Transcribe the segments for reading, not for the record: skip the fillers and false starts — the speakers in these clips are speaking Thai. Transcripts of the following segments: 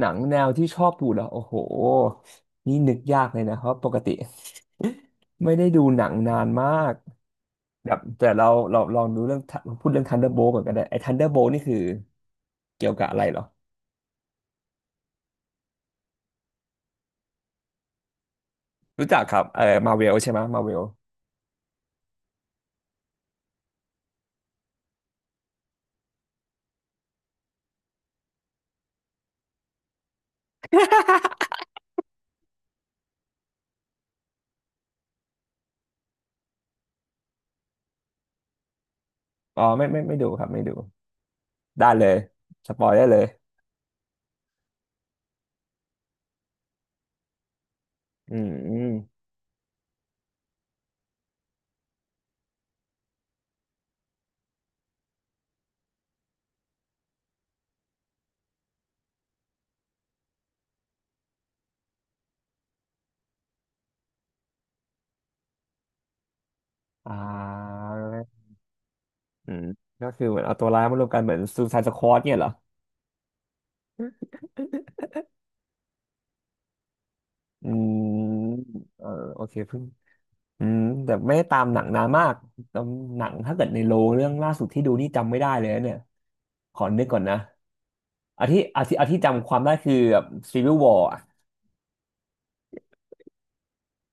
หนังแนวที่ชอบดูแล้วโอ้โหนี่นึกยากเลยนะเพราะปกติไม่ได้ดูหนังนานมากแบบแต่เราลองดูเรื่องพูดเรื่อง Thunderbolt ก่อนก็ได้ไอ้ Thunderbolt นี่คือเกี่ยวกับอะไรเหรอรู้จักครับเออมาเวลใช่ไหมมาเวลอ๋อไม่ดูครับไม่ดูได้เลยสปอยได้เลยอืมอมอ่าอืมก็คือเหมือนเอาตัวร้ายมารวมกันเหมือนซูซายสควอดเนี่ยเหรออืมเออโอเคเพิ่ง อืมแต่ไม่ได้ตามหนังนานมากตามหนังถ้าเกิดในโลงเรื่องล่าสุดที่ดูนี่จำไม่ได้เลยนะเนี่ยขอนึกก่อนนะอาที่จำความได้คือแบบ Civil War อะ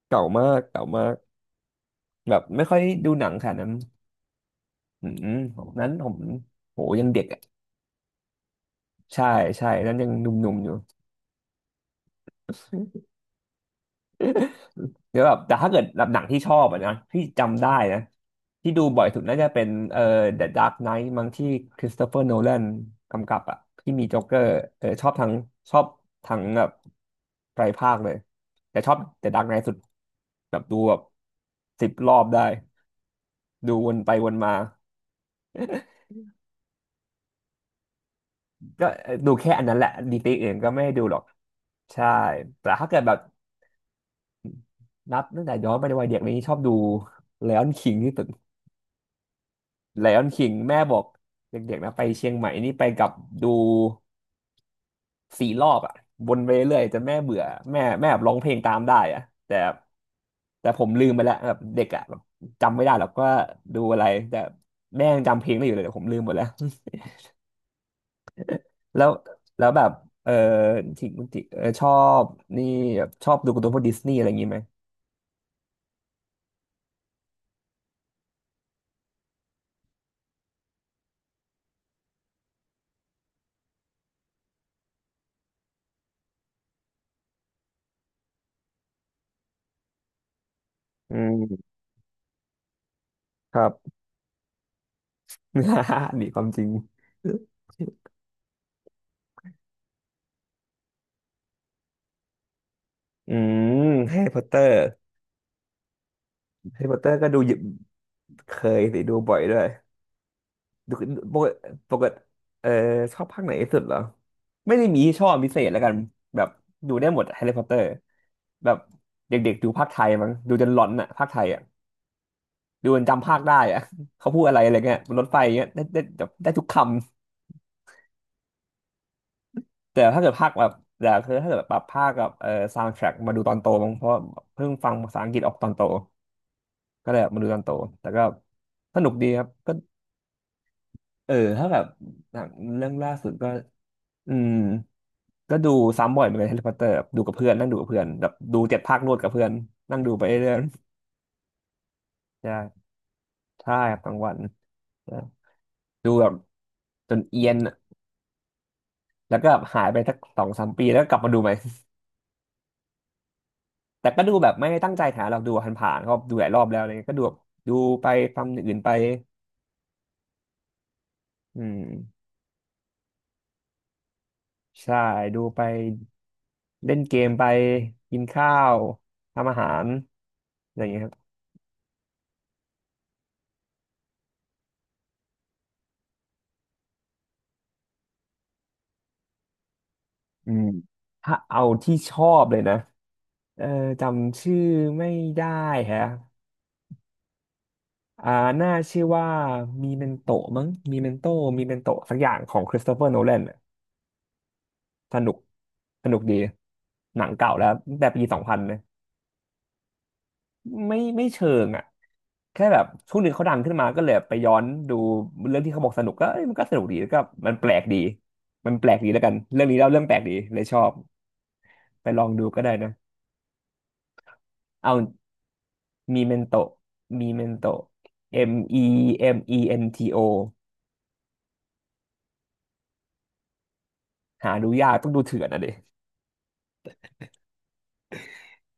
เก่ามากเก่ามากแบบไม่ค่อยดูหนังขนาดนั้นอืมผมโหยังเด็กอ่ะใช่ใช่นั้นยังหนุ่มๆอยู่ เดี๋ยวแบบแต่ถ้าเกิดแบบหนังที่ชอบอะนะที่จำได้นะที่ดูบ่อยสุดน่าจะเป็นThe Dark Knight มั้งที่คริสโตเฟอร์โนแลนกำกับอ่ะที่มีโจ๊กเกอร์เออชอบทั้งแบบไตรภาคเลยแต่ชอบ The Dark Knight สุดแบบดูแบบ10 รอบได้ดูวนไปวนมาก็เอ่อดูแค่อันนั้นแหละดีตทอื่นก็ไม่ได้ดูหรอกใช่แต่ถ้าเกิดแบบนับตั้งแต่ย้อนไปในวัยเด็กนี้ชอบดู Lion King ที่สุด ไลออนคิงแม่บอกเด็กๆนะไปเชียงใหม่นี่ไปกับดู4 รอบอ่ะวนไปเรื่อยๆจนแม่เบื่อแม่แบบร้องเพลงตามได้อ่ะแต่แต่ผมลืมไปแล้วแบบเด็กอ่ะแบบจำไม่ได้หรอกว่าดูอะไรแต่แม่ยังจำเพลงได้อยู่เลยแต่ผมลืมหมดแล้วแล้วแล้วแบบเออทิงติเออชอบนี่แบบชอบดูการ์ตูนพวกดิสนีย์อะไรอย่างงี้ไหมอืมครับ นีความจริงอืมแฮร์รี่พอตเตอร์แฮร์รี่พอตเตอร์ก็ดูเยอะเคยสิดูบ่อยด้วย ดูปกติปกติเออชอบภาคไหนที่สุดเหรอไม่ได้มีที่ชอบพิเศษแล้วกันแบบดูได้หมดแฮร์รี่พอตเตอร์แบบเด็กๆดูภาคไทยมั้งดูจนหลอนอ่ะภาคไทยอ่ะดูจนจำภาคได้อ่ะ เขาพูดอะไรอะไรเงี้ยบนรถไฟเงี้ยได้ได้แบบได้ทุกคำแต่ถ้าเกิดภาคแบบแต่คือถ้าเกิดแบบภาคกับซาวด์แทร็กมาดูตอนโตมั้งเพราะเพิ่งฟังภาษาอังกฤษออกตอนโตก็เลยมาดูตอนโตแต่ก็สนุกดีครับก็เออถ้าแบบหนังเรื่องล่าสุดก็อืม ก็ดูซ้ำบ่อยเหมือนกันแฮร์รี่พอตเตอร์ดูกับเพื่อนนั่งดูกับเพื่อนแบบดู7 ภาครวดกับเพื่อนนั่งดูไปเรื่อยๆใช่ใช่ครับางวันใช่ดูแบบจนเอียนอะแล้วก็หายไปสัก2-3 ปีแล้วก็กลับมาดูใหม่ แต่ก็ดูแบบไม่ได้ตั้งใจหาเราดูผ่านๆก็ดูหลายรอบแล้วอะไรเงี้ยก็ดูแบบดูไปฟังอย่างอื่นไปอืมใช่ดูไปเล่นเกมไปกินข้าวทำอาหารอะไรอย่างเงี้ยครับ อืมถ้าเอาที่ชอบเลยนะเออจำชื่อไม่ได้แฮะอ่าน่าชื่อว่ามีเมนโตมั้งมีเมนโตสักอย่างของคริสโตเฟอร์โนแลนสนุกสนุกดีหนังเก่าแล้วตั้งแต่ปี 2000นะไม่ไม่เชิงอ่ะแค่แบบช่วงหนึ่งเขาดังขึ้นมาก็เลยไปย้อนดูเรื่องที่เขาบอกสนุกก็เอ้ยมันก็สนุกดีแล้วก็มันแปลกดีมันแปลกดีแล้วกันเรื่องนี้เล่าเรื่องแปลกดีเลยชอบไปลองดูก็ได้นะเอา มีเมนโตมีเมนโต Memento หาดูยากต้องดูเถื่อนอะเด็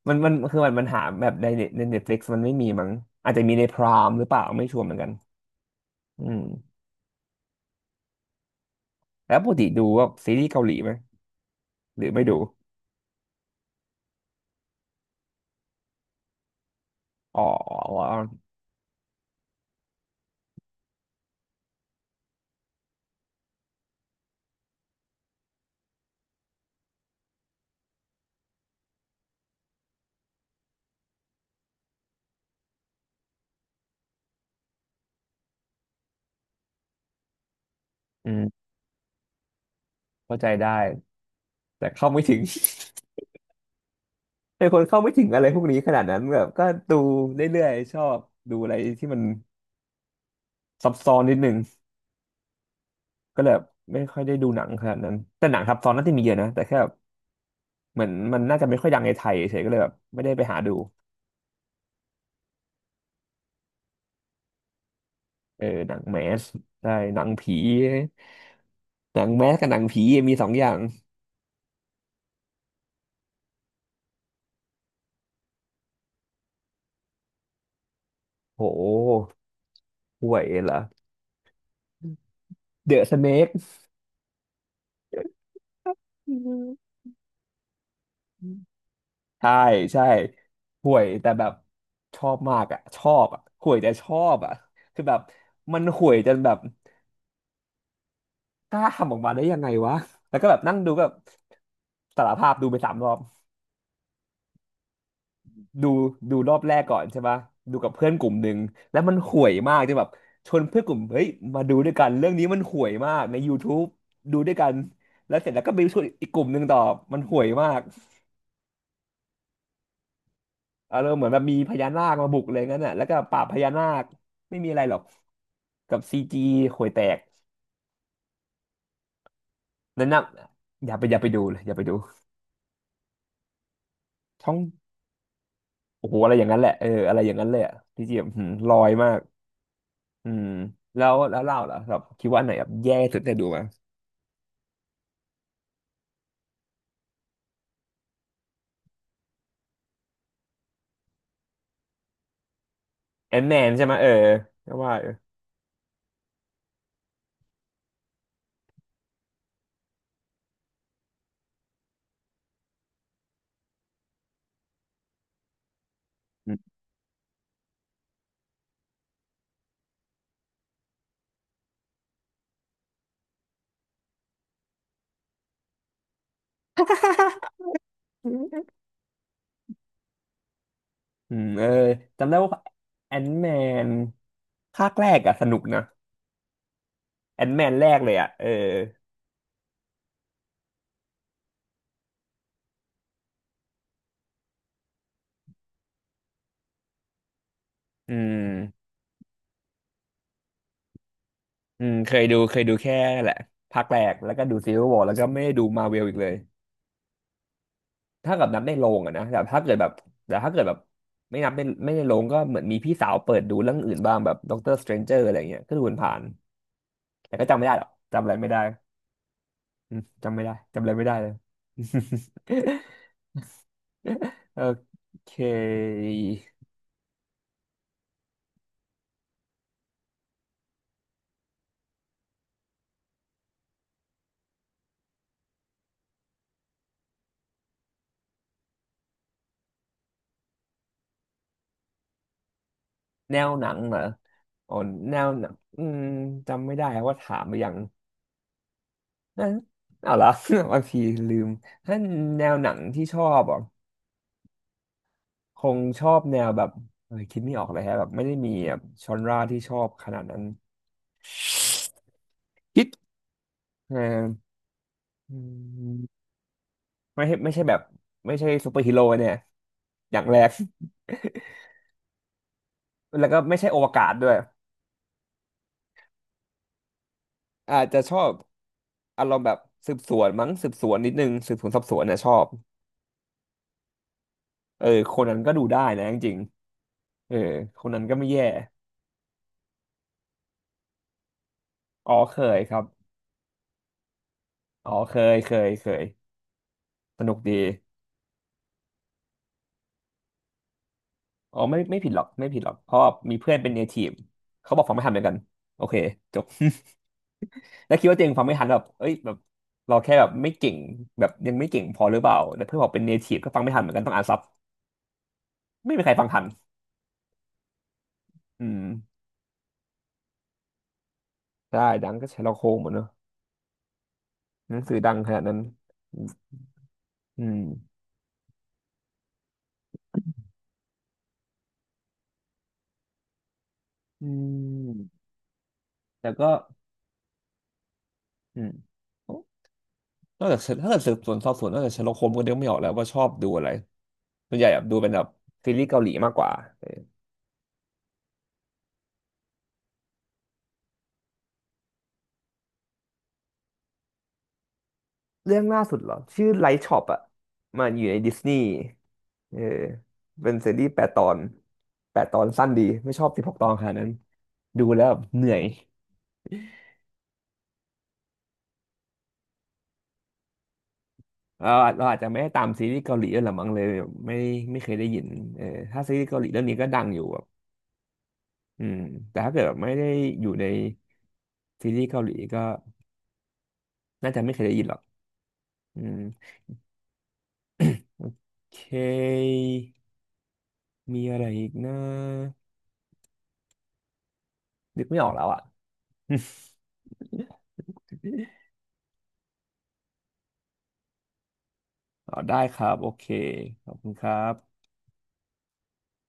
มันมันคือมันมันหาแบบในเน็ตในเน็ตฟลิกซ์มันไม่มีมั้งอาจจะมีในพรามหรือเปล่าไม่ชัวร์เหมือนกันอืมแล้วปกติดูว่าซีรีส์เกาหลีไหมหรือไม่ดู อ๋ออืมเข้าใจได้แต่เข้าไม่ถึง เป็นคนเข้าไม่ถึงอะไรพวกนี้ขนาดนั้นแบบก็ดูเรื่อยๆชอบดูอะไรที่มันซับซ้อนนิดนึงก็เลยแบบไม่ค่อยได้ดูหนังขนาดนั้นแต่หนังซับซ้อนน่าจะมีเยอะนะแต่แค่ เหมือนมันน่าจะไม่ค่อยดังในไทยเฉยก็เลยแบบไม่ได้ไปหาดูเออหนังแมสใช่หนังผีหนังแมสกับหนังผีมีสองอย่างโหห่วยเหรอเดอะสเนกอืมใช่ใช่ห่วยแต่แบบชอบมากอ่ะชอบอ่ะห่วยแต่ชอบอ่ะคือแบบมันห่วยจนแบบกล้าทำออกมาได้ยังไงวะแล้วก็แบบนั่งดูก็แบบสารภาพดูไป3 รอบ ดูดูรอบแรกก่อนใช่ปะดูกับเพื่อนกลุ่มหนึ่งแล้วมันห่วยมากจนแบบชวนเพื่อนกลุ่มเฮ้ยมาดูด้วยกันเรื่องนี้มันห่วยมากใน y ู u ูบดูด้วยกันแล้วเสร็จแล้วก็ไปชวนอีกกลุ่มหนึ่งต่อมันห่วยมากอารมณ์เหมือนแบบมีพญานาคมาบุกเลยงั้นน่ะแล้วก็ปราบพญานาคไม่มีอะไรหรอกกับซีจีห่วยแตกนั่นนะอย่าไปดูเลยอย่าไปดูช่องโอ้โหอะไรอย่างนั้นแหละเอออะไรอย่างนั้นเลยอะซีจีแบบหืมลอยมากอืมแล้วเล่าเหรอแบบคิดว่าอันไหนแบบแย่สุดได้ดูไหม แอนแนนใช่ไหมเออก็ว่าอยู่อืมเออจำได้ว่าแอนแมนภาคแรกอะสนุกนะแอนแมนแรกเลยอะเอออืมอืมเคยดูแค่นั่นแหละภาคแรกแล้วก็ดูซีวิววอร์แล้วก็ไม่ได้ดูมาเวลอีกเลยถ้ากับนับในโรงอะนะแต่ถ้าเกิดแบบไม่นับเป็นไม่ในโรงก็เหมือนมีพี่สาวเปิดดูเรื่องอื่นบ้างแบบด็อกเตอร์สเตรนเจอร์อะไรเงี้ยก็ดูผ่านๆแต่ก็จำไม่ได้หรอกจำอะไรไม่ได้อืมจำไม่ได้จำอะไรไม่ได้เลย โอเคแนวหนังเหรออ๋อแนวหนังอืมจำไม่ได้ว่าถามไปยังนะเอาละ บางทีลืมถ้าแนวหนังที่ชอบอ่ะคงชอบแนวแบบเอยคิดไม่ออกเลยฮะแบบไม่ได้มีแบบชอนราที่ชอบขนาดนั้นคิดเอออืมไม่ใช่แบบไม่ใช่ซูเปอร์ฮีโร่เนี่ยอย่างแรก แล้วก็ไม่ใช่อวกาศด้วย อาจจะชอบอารมณ์แบบสืบสวนมั้งสืบสวนนิดนึงสืบสวนสอบสวนเนี่ยชอบเออคนนั้นก็ดูได้นะจริงๆเออคนนั้นก็ไม่แย่อ๋อเคยครับอ๋อเคยสนุกดีอ๋อไม่ผิดหรอกไม่ผิดหรอกเพราะว่ามีเพื่อนเป็นเนทีฟเขาบอกฟังไม่ทันเหมือนกันโอเคจบ แล้วคิดว่าตัวเองฟังไม่ทันแบบเอ้ยแบบเราแค่แบบไม่เก่งแบบยังไม่เก่งพอหรือเปล่าแต่เพื่อนบอกเป็นเนทีฟก็ฟังไม่ทันเหมือนกันต้องอ่านซับไม่มีใครฟังทันอืมได้ดังก็ใช้ลอกโคงหมดเนอะหนังสือดังขนาดนั้น อืมอืมแต่ก็อืมนอกจากสืบถ้าเกิดสืบสวนสอบสวนนอกจากเชอร์ล็อกโฮมส์ก็เดกไม่ออกแล้วว่าชอบดูอะไรส่วนใหญ่แบบดูเป็นแบบซีรีส์เกาหลีมากกว่าเออเรื่องล่าสุดเหรอชื่อไลท์ช็อปอ่ะมันอยู่ในดิสนีย์เออเป็นซีรีส์แปดตอนแปดตอนสั้นดีไม่ชอบ16 ตอนขนาดนั้นดูแล้วแบบเหนื่อยเราเราอาจจะไม่ได้ตามซีรีส์เกาหลีด้วยหรือมั้งเลยไม่ไม่เคยได้ยินเออถ้าซีรีส์เกาหลีเรื่องนี้ก็ดังอยู่แบบอืมแต่ถ้าเกิดแบบไม่ได้อยู่ใน ซีรีส์เกาหลีก็น่าจะไม่เคยได้ยินหรอกอืมเค มีอะไรอีกนะนึกไม่ออกแล้วอ่ะ อ๋อได้ครับ โอเค ขอบคุณครับ